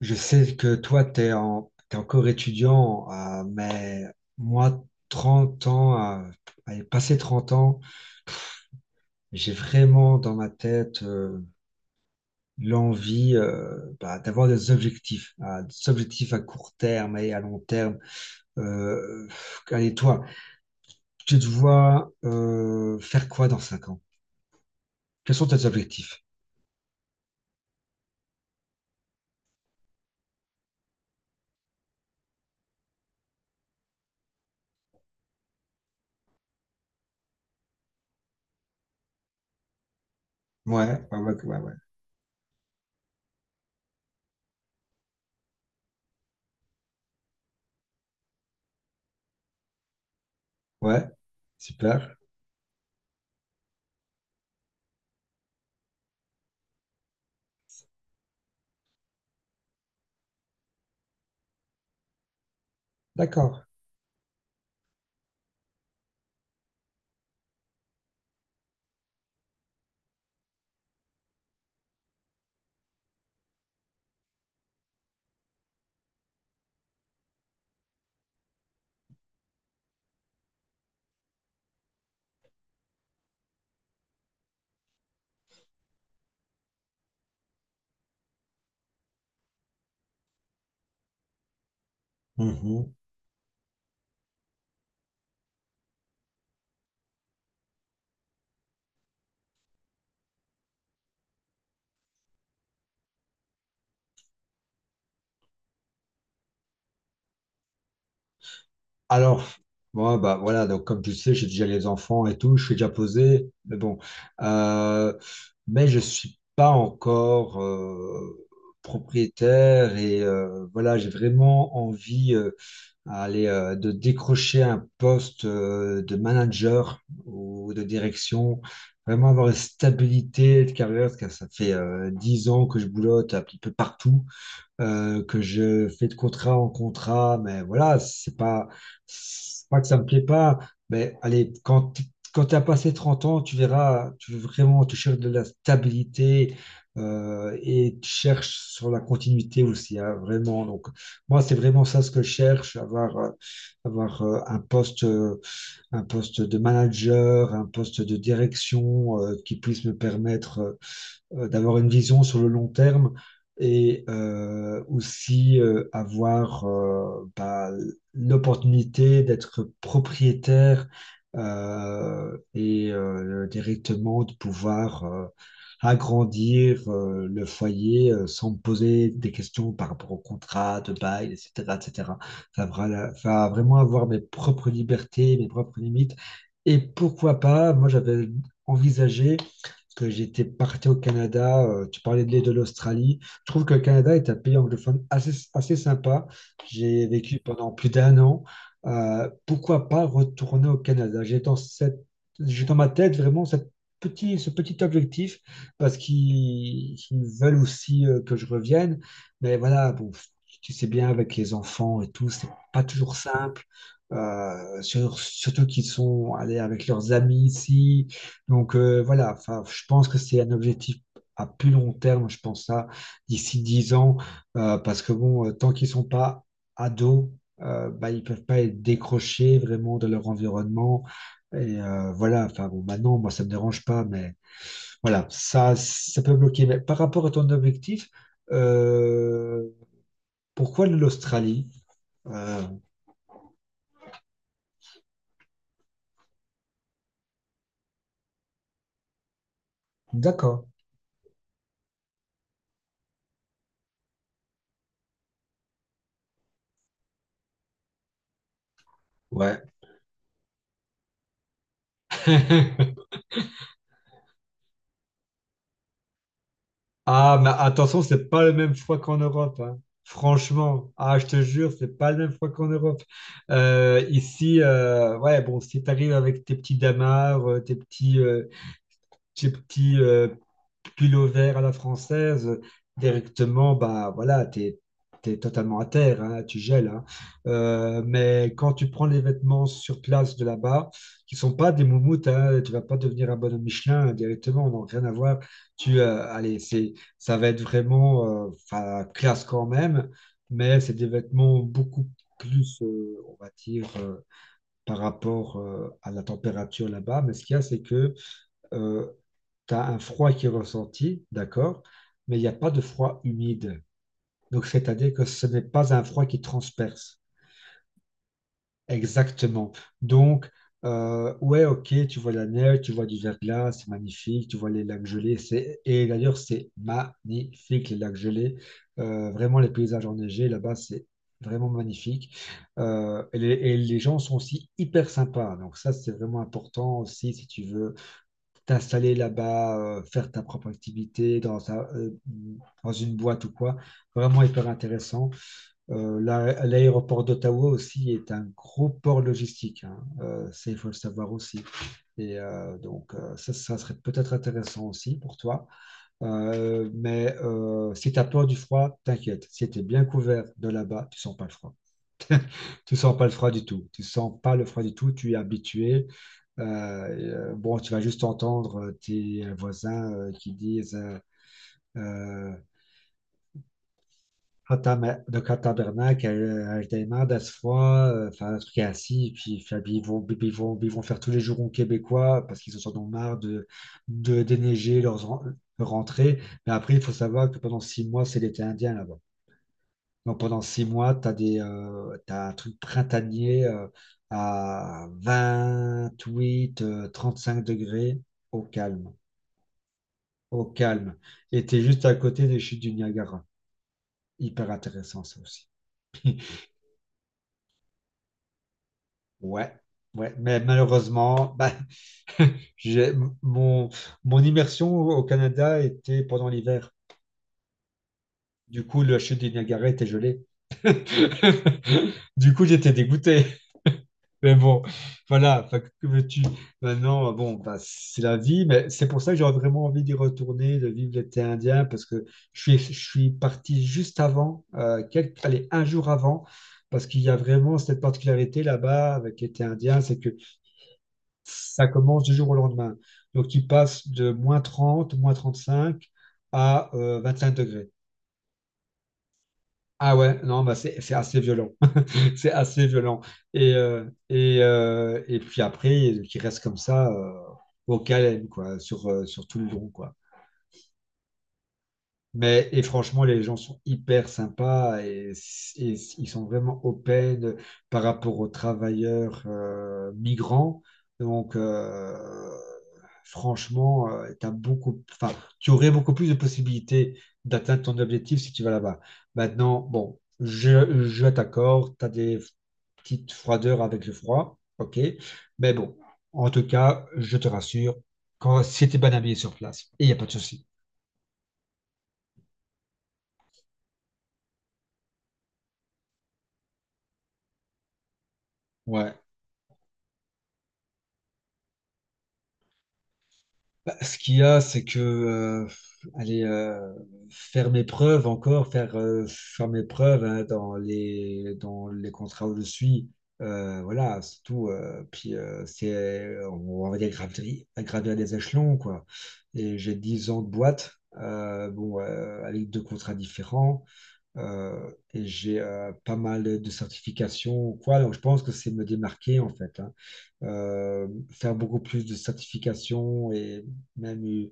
Je sais que toi, t'es encore étudiant, mais moi, 30 ans, allez, passé 30 ans, j'ai vraiment dans ma tête l'envie d'avoir des objectifs à court terme et à long terme. Allez, toi, tu te vois faire quoi dans 5 ans? Quels sont tes objectifs? Ouais, ouais, ouais, ouais, ouais. Ouais, super, d'accord. Alors, moi, bah voilà, donc comme tu sais, j'ai déjà les enfants et tout, je suis déjà posé, mais bon. Euh, mais je suis pas encore propriétaire et voilà, j'ai vraiment envie à aller, de décrocher un poste de manager ou de direction, vraiment avoir une stabilité de carrière, parce que ça fait 10 ans que je boulotte un petit peu partout que je fais de contrat en contrat, mais voilà, c'est pas que ça me plaît pas, mais allez, quand tu as passé 30 ans, tu verras, tu veux vraiment, tu cherches de la stabilité et tu cherches sur la continuité aussi, hein, vraiment. Donc, moi, c'est vraiment ça ce que je cherche, avoir un poste de manager, un poste de direction qui puisse me permettre d'avoir une vision sur le long terme et aussi avoir l'opportunité d'être propriétaire et directement de pouvoir agrandir le foyer sans me poser des questions par rapport au contrat de bail, etc., etc. Va vraiment avoir mes propres libertés, mes propres limites. Et pourquoi pas, moi j'avais envisagé parce que j'étais parti au Canada, tu parlais de l'île de l'Australie. Je trouve que le Canada est un pays anglophone assez, assez sympa. J'ai vécu pendant plus d'un an. Pourquoi pas retourner au Canada? J'ai dans ma tête vraiment ce petit objectif parce qu'ils veulent aussi que je revienne. Mais voilà, bon, tu sais bien, avec les enfants et tout, c'est pas toujours simple. Surtout qu'ils sont allés avec leurs amis ici. Donc voilà, enfin, je pense que c'est un objectif à plus long terme, je pense ça, d'ici 10 ans, parce que bon, tant qu'ils sont pas ados, ils peuvent pas être décrochés vraiment de leur environnement. Et voilà, enfin bon, maintenant, moi, ça me dérange pas, mais voilà, ça peut bloquer. Mais par rapport à ton objectif, euh, pourquoi l'Australie? Euh, d'accord, ouais. Ah, mais attention, c'est pas le même froid qu'en Europe, hein. Franchement, ah, je te jure, c'est pas le même froid qu'en Europe. Ici, ouais, bon, si t'arrives avec tes petits damars, tes petits, tes petits euh, culot vert à la française, directement, bah voilà, t'es totalement à terre, hein, tu gèles, hein. Mais quand tu prends les vêtements sur place de là-bas, qui sont pas des moumoutes, hein, tu vas pas devenir un bonhomme Michelin, hein, directement, non, rien à voir. Allez, ça va être vraiment, enfin, classe quand même, mais c'est des vêtements beaucoup plus, on va dire, par rapport à la température là-bas. Mais ce qu'il y a, c'est que euh, tu as un froid qui est ressenti, d'accord, mais il n'y a pas de froid humide. Donc, c'est-à-dire que ce n'est pas un froid qui transperce. Exactement. Donc, ouais, ok, tu vois la neige, tu vois du verglas, c'est magnifique, tu vois les lacs gelés, et d'ailleurs, c'est magnifique, les lacs gelés. Vraiment, les paysages enneigés, là-bas, c'est vraiment magnifique. Les gens sont aussi hyper sympas. Donc, ça, c'est vraiment important aussi si tu veux t'installer là-bas, faire ta propre activité dans une boîte ou quoi. Vraiment hyper intéressant. L'aéroport d'Ottawa aussi est un gros port logistique, hein. Ça, il faut le savoir aussi. Et donc, ça, ça serait peut-être intéressant aussi pour toi. Mais si tu as peur du froid, t'inquiète. Si tu es bien couvert de là-bas, tu sens pas le froid. Tu sens pas le froid du tout. Tu sens pas le froid du tout. Tu es habitué. Bon, tu vas juste entendre tes voisins qui disent euh, donc à Tabernac, Altaïma, Das froid, enfin un truc ainsi. Et puis, enfin, puis ils vont faire tous les jurons québécois parce qu'ils en sont marre de déneiger leurs rentrées. Mais après, il faut savoir que pendant 6 mois, c'est l'été indien là-bas. Donc pendant 6 mois, t'as un truc printanier à 8 5 degrés au calme. Au calme. Et tu es juste à côté des chutes du Niagara. Hyper intéressant ça aussi. Ouais, ouais. Mais malheureusement, bah, j'ai, mon, mon immersion au Canada était pendant l'hiver. Du coup, la chute du Niagara était gelée. Du coup, j'étais dégoûté. Mais bon, voilà, enfin, que veux-tu? Maintenant, bon, bah, c'est la vie, mais c'est pour ça que j'aurais vraiment envie d'y retourner, de vivre l'été indien, parce que je suis parti juste avant, allez, un jour avant, parce qu'il y a vraiment cette particularité là-bas avec l'été indien, c'est que ça commence du jour au lendemain. Donc, tu passes de -30 -35 à 5 degrés. Ah ouais, non, bah, c'est assez violent. C'est assez violent. Et puis après, qui reste comme ça au calme, quoi, sur tout le long, quoi. Mais et franchement, les gens sont hyper sympas et, ils sont vraiment open par rapport aux travailleurs migrants. Donc, franchement, tu aurais beaucoup plus de possibilités d'atteindre ton objectif si tu vas là-bas. Maintenant, bon, je t'accorde, tu as des petite froideur avec le froid, ok. Mais bon, en tout cas, je te rassure, quand c'était bien habillé sur place, il n'y a pas de souci. Ouais. Bah, ce qu'il y a, c'est que aller faire mes preuves encore, faire mes preuves, hein, dans dans les contrats où je suis, voilà, c'est tout. On va dire, gravir des échelons, quoi. Et j'ai 10 ans de boîte, bon, avec deux contrats différents. Et j'ai pas mal de certifications ou quoi. Donc, je pense que c'est me démarquer, en fait, hein. Faire beaucoup plus de certifications et même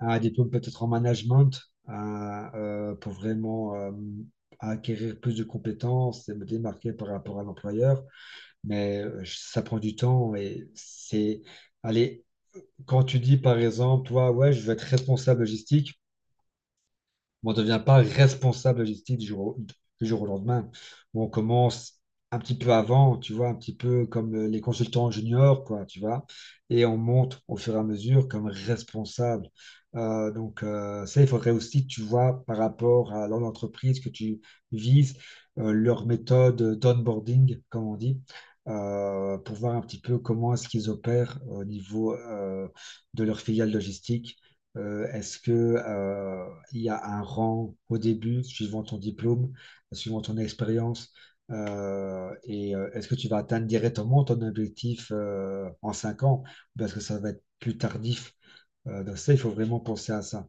un diplôme peut-être en management, hein, pour vraiment acquérir plus de compétences et me démarquer par rapport à l'employeur. Mais ça prend du temps Allez, quand tu dis, par exemple, toi, ouais, je veux être responsable logistique, on ne devient pas responsable logistique du jour au lendemain. Bon, on commence un petit peu avant, tu vois, un petit peu comme les consultants juniors, quoi, tu vois, et on monte au fur et à mesure comme responsable. Ça, il faudrait aussi, tu vois, par rapport à l'entreprise que tu vises, leur méthode d'onboarding, comme on dit, pour voir un petit peu comment est-ce qu'ils opèrent au niveau de leur filiale logistique, est-ce que, il y a un rang au début, suivant ton diplôme, suivant ton expérience, est-ce que tu vas atteindre directement ton objectif en 5 ans? Parce que ça va être plus tardif. Donc ça, il faut vraiment penser à ça.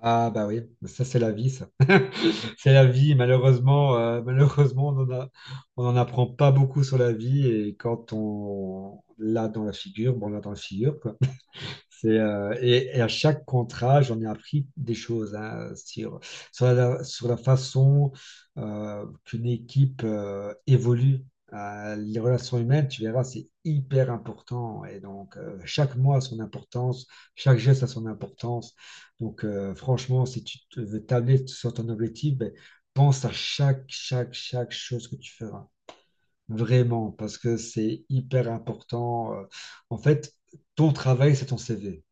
Ah bah oui, mais ça c'est la vie, ça. C'est la vie, malheureusement, on n'en apprend pas beaucoup sur la vie et quand on l'a dans la figure, bon, on l'a dans la figure. Et à chaque contrat, j'en ai appris des choses, hein, sur la façon qu'une équipe évolue. Les relations humaines, tu verras, c'est hyper important. Et donc, chaque mois a son importance, chaque geste a son importance. Donc, franchement, si veux tabler sur ton objectif, ben, pense à chaque chose que tu feras. Vraiment, parce que c'est hyper important. En fait, ton travail, c'est ton CV.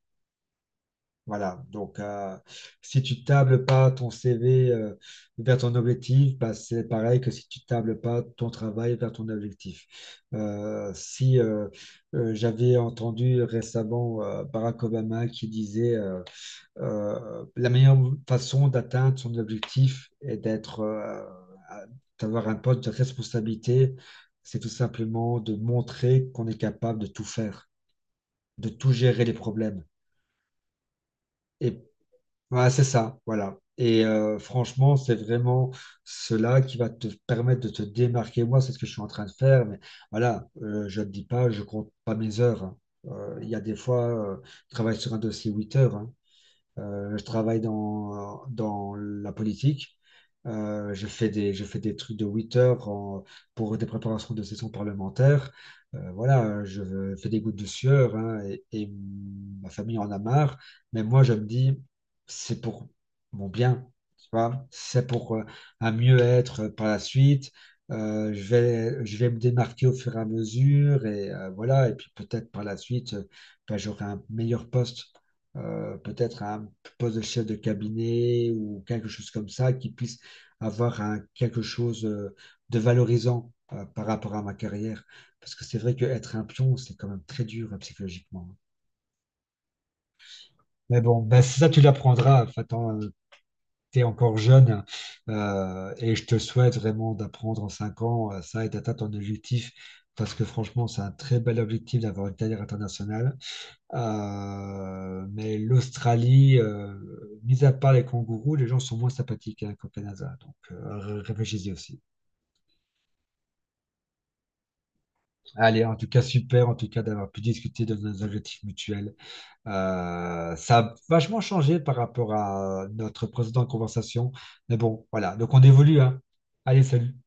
Voilà, donc si tu tables pas ton CV vers ton objectif, bah, c'est pareil que si tu tables pas ton travail vers ton objectif. Si J'avais entendu récemment Barack Obama qui disait la meilleure façon d'atteindre son objectif est à- d'avoir un poste de responsabilité, c'est tout simplement de montrer qu'on est capable de tout faire, de tout gérer les problèmes. Et Ouais, c'est ça, voilà. Et franchement, c'est vraiment cela qui va te permettre de te démarquer. Moi, c'est ce que je suis en train de faire, mais voilà, je ne te dis pas, je compte pas mes heures, hein. Il y a des fois, euh, je travaille sur un dossier 8 heures, hein. Je travaille dans la politique. Je fais des trucs de 8 heures pour des préparations de sessions parlementaires. Voilà, je fais des gouttes de sueur, hein, et ma famille en a marre. Mais moi, je me dis, c'est pour mon bien, tu vois, c'est pour un mieux-être par la suite. Je vais me démarquer au fur et à mesure et voilà. Et puis peut-être par la suite, j'aurai un meilleur poste peut-être à un poste de chef de cabinet ou quelque chose comme ça, qui puisse avoir quelque chose de valorisant par rapport à ma carrière. Parce que c'est vrai qu'être un pion, c'est quand même très dur psychologiquement. Mais bon, bah, ça, tu l'apprendras. T'es encore jeune et je te souhaite vraiment d'apprendre en 5 ans ça et d'atteindre ton objectif. Parce que franchement, c'est un très bel objectif d'avoir une carrière internationale. Mais l'Australie, mis à part les kangourous, les gens sont moins sympathiques, hein, qu'au Canada. Donc, réfléchissez aussi. Allez, en tout cas, super, en tout cas, d'avoir pu discuter de nos objectifs mutuels. Ça a vachement changé par rapport à notre précédente conversation. Mais bon, voilà. Donc, on évolue, hein. Allez, salut.